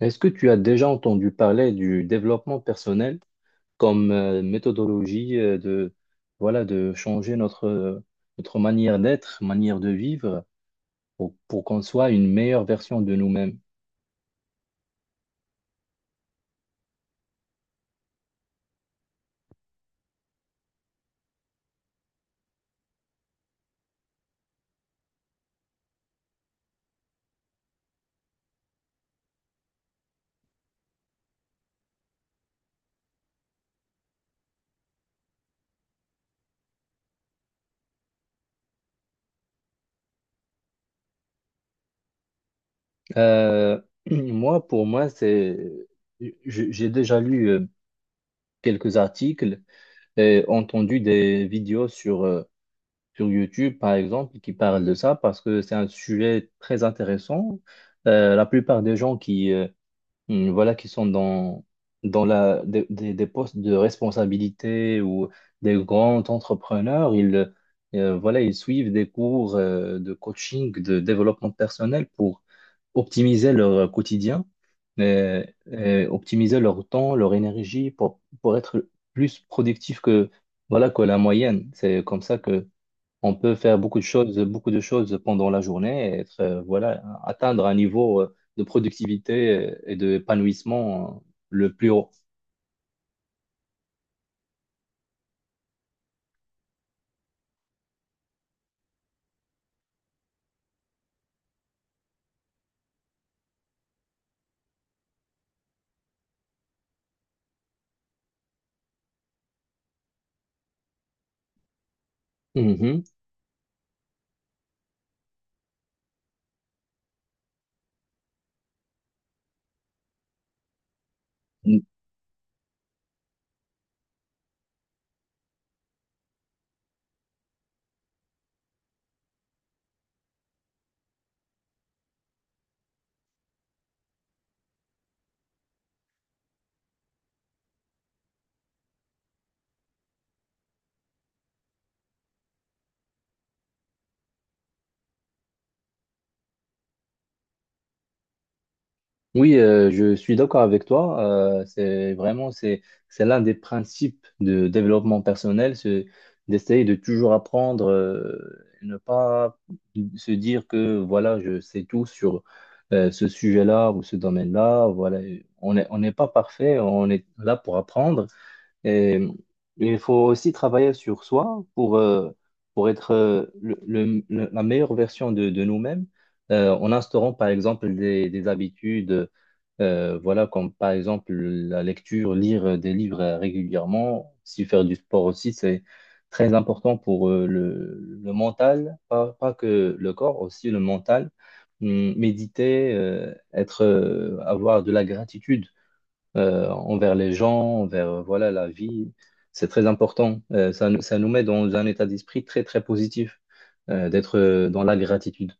Est-ce que tu as déjà entendu parler du développement personnel comme méthodologie de, voilà, de changer notre, notre manière d'être, manière de vivre pour qu'on soit une meilleure version de nous-mêmes? Euh, Moi, pour moi, j'ai déjà lu quelques articles et entendu des vidéos sur, sur YouTube, par exemple, qui parlent de ça parce que c'est un sujet très intéressant. La plupart des gens qui, voilà, qui sont dans, des postes de responsabilité ou des grands entrepreneurs, voilà, ils suivent des cours de coaching, de développement personnel pour optimiser leur quotidien, euh, et optimiser leur temps, leur énergie pour être plus productif voilà, que la moyenne. C'est comme ça on peut faire beaucoup de choses pendant la journée et voilà, atteindre un niveau de productivité et d'épanouissement le plus haut. Mhm. Mm. Oui, je suis d'accord avec toi. C'est vraiment, c'est l'un des principes de développement personnel, c'est d'essayer de toujours apprendre, et ne pas se dire que voilà, je sais tout sur ce sujet-là ou ce domaine-là. Voilà, on n'est pas parfait, on est là pour apprendre. Et il faut aussi travailler sur soi pour être la meilleure version de nous-mêmes, en instaurant par exemple des habitudes, voilà, comme par exemple la lecture, lire des livres régulièrement, si faire du sport aussi, c'est très important pour le mental, pas que le corps, aussi le mental. Méditer, être, avoir de la gratitude envers les gens, envers voilà, la vie. C'est très important. Ça nous met dans un état d'esprit très, très positif d'être dans la gratitude.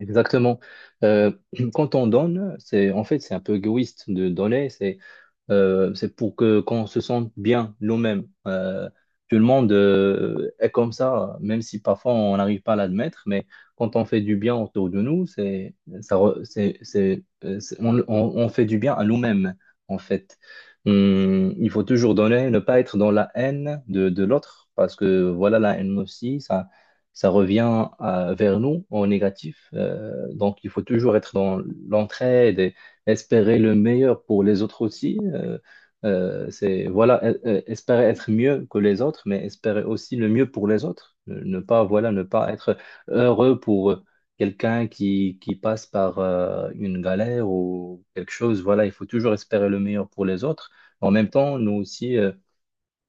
Exactement. Euh, Quand on donne, c'est en fait, c'est un peu égoïste de donner. C'est pour que qu'on se sente bien nous-mêmes. Tout le monde est comme ça, même si parfois on n'arrive pas à l'admettre, mais quand on fait du bien autour de nous, c'est, on fait du bien à nous-mêmes, en fait. Il faut toujours donner, ne pas être dans la haine de, l'autre, parce que voilà, la haine aussi, ça revient vers nous en négatif. Donc, il faut toujours être dans l'entraide, espérer le meilleur pour les autres aussi. Voilà, espérer être mieux que les autres, mais espérer aussi le mieux pour les autres. Ne pas, voilà, ne pas être heureux pour quelqu'un qui passe par une galère ou quelque chose. Voilà, il faut toujours espérer le meilleur pour les autres. En même temps, nous aussi,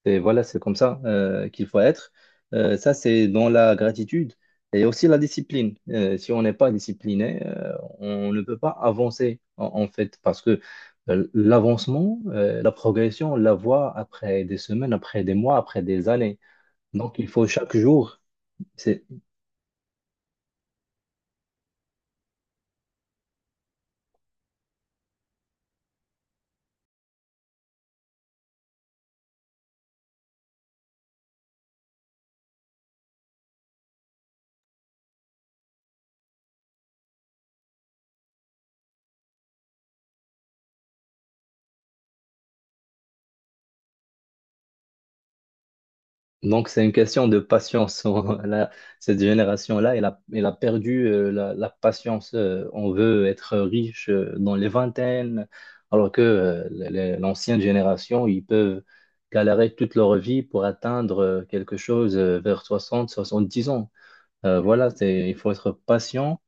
et voilà, c'est comme ça qu'il faut être. Ça, c'est dans la gratitude et aussi la discipline. Si on n'est pas discipliné, on ne peut pas avancer, en fait, parce que l'avancement, la progression, on la voit après des semaines, après des mois, après des années. Donc, il faut chaque jour. C'est Donc, c'est une question de patience. Cette génération-là, elle a perdu la patience. On veut être riche dans les vingtaines, alors que l'ancienne génération, ils peuvent galérer toute leur vie pour atteindre quelque chose vers 60, 70 ans. Voilà, il faut être patient,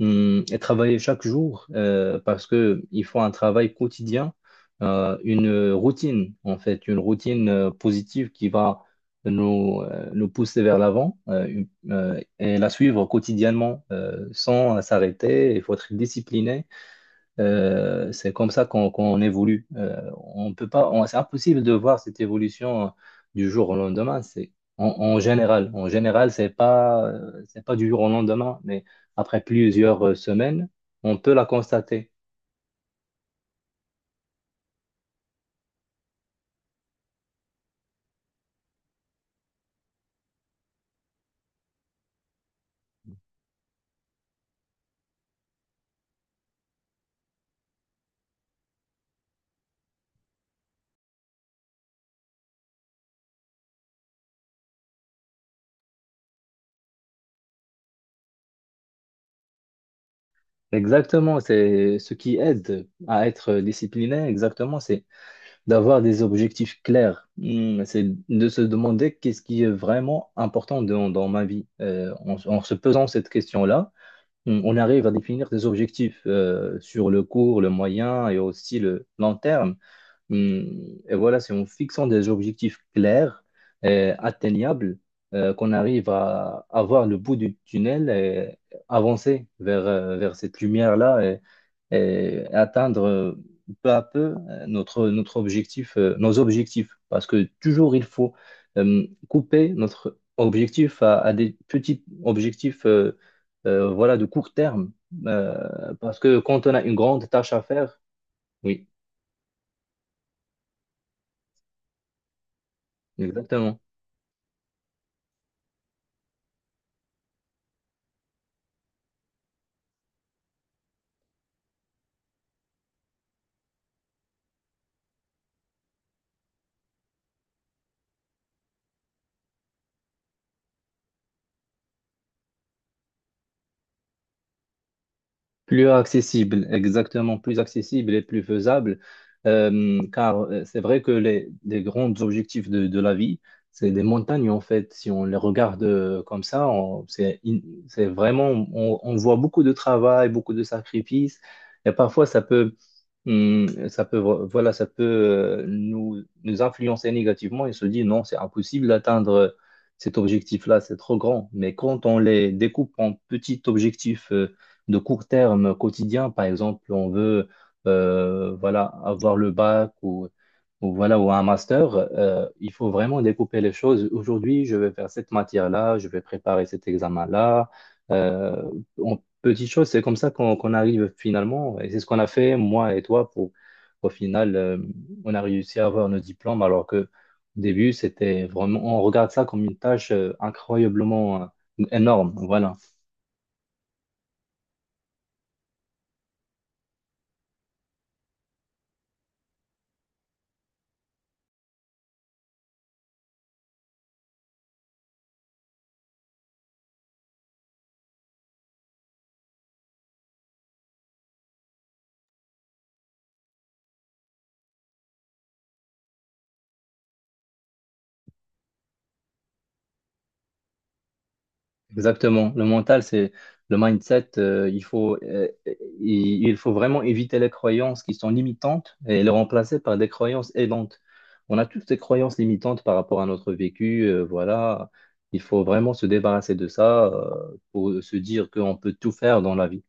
et travailler chaque jour parce que il faut un travail quotidien, une routine en fait, une routine positive qui va nous pousser vers l'avant, et la suivre quotidiennement sans s'arrêter. Il faut être discipliné, c'est comme ça qu'on évolue. On peut pas, c'est impossible de voir cette évolution du jour au lendemain. C'est en général, c'est pas du jour au lendemain, mais après plusieurs semaines, on peut la constater. Exactement, c'est ce qui aide à être discipliné. Exactement, c'est d'avoir des objectifs clairs. C'est de se demander qu'est-ce qui est vraiment important dans, ma vie. En se posant cette question-là. On arrive à définir des objectifs sur le court, le moyen et aussi le long terme. Mm, Et voilà, c'est en fixant des objectifs clairs et atteignables qu'on arrive à avoir le bout du tunnel et avancer vers cette lumière-là et atteindre peu à peu notre objectif, nos objectifs. Parce que toujours, il faut couper notre objectif à des petits objectifs, voilà, de court terme. Parce que quand on a une grande tâche à faire, oui, exactement. Plus accessible, exactement, plus accessible et plus faisable, car c'est vrai que les grands objectifs de la vie, c'est des montagnes en fait. Si on les regarde comme ça, c'est vraiment, on voit beaucoup de travail, beaucoup de sacrifices, et parfois ça peut, voilà, nous influencer négativement et se dire non, c'est impossible d'atteindre cet objectif-là, c'est trop grand. Mais quand on les découpe en petits objectifs, de court terme quotidien. Par exemple, on veut voilà, avoir le bac ou voilà, ou un master. Il faut vraiment découper les choses. Aujourd'hui, je vais faire cette matière-là, je vais préparer cet examen-là. Euh, En petites choses, c'est comme ça qu'on arrive finalement. Et c'est ce qu'on a fait, moi et toi, pour au final, on a réussi à avoir nos diplômes alors que au début, c'était vraiment, on regarde ça comme une tâche incroyablement énorme. Voilà. Exactement. Le mental, c'est le mindset. Il faut vraiment éviter les croyances qui sont limitantes et les remplacer par des croyances aidantes. On a tous des croyances limitantes par rapport à notre vécu. Voilà. Il faut vraiment se débarrasser de ça, pour se dire qu'on peut tout faire dans la vie.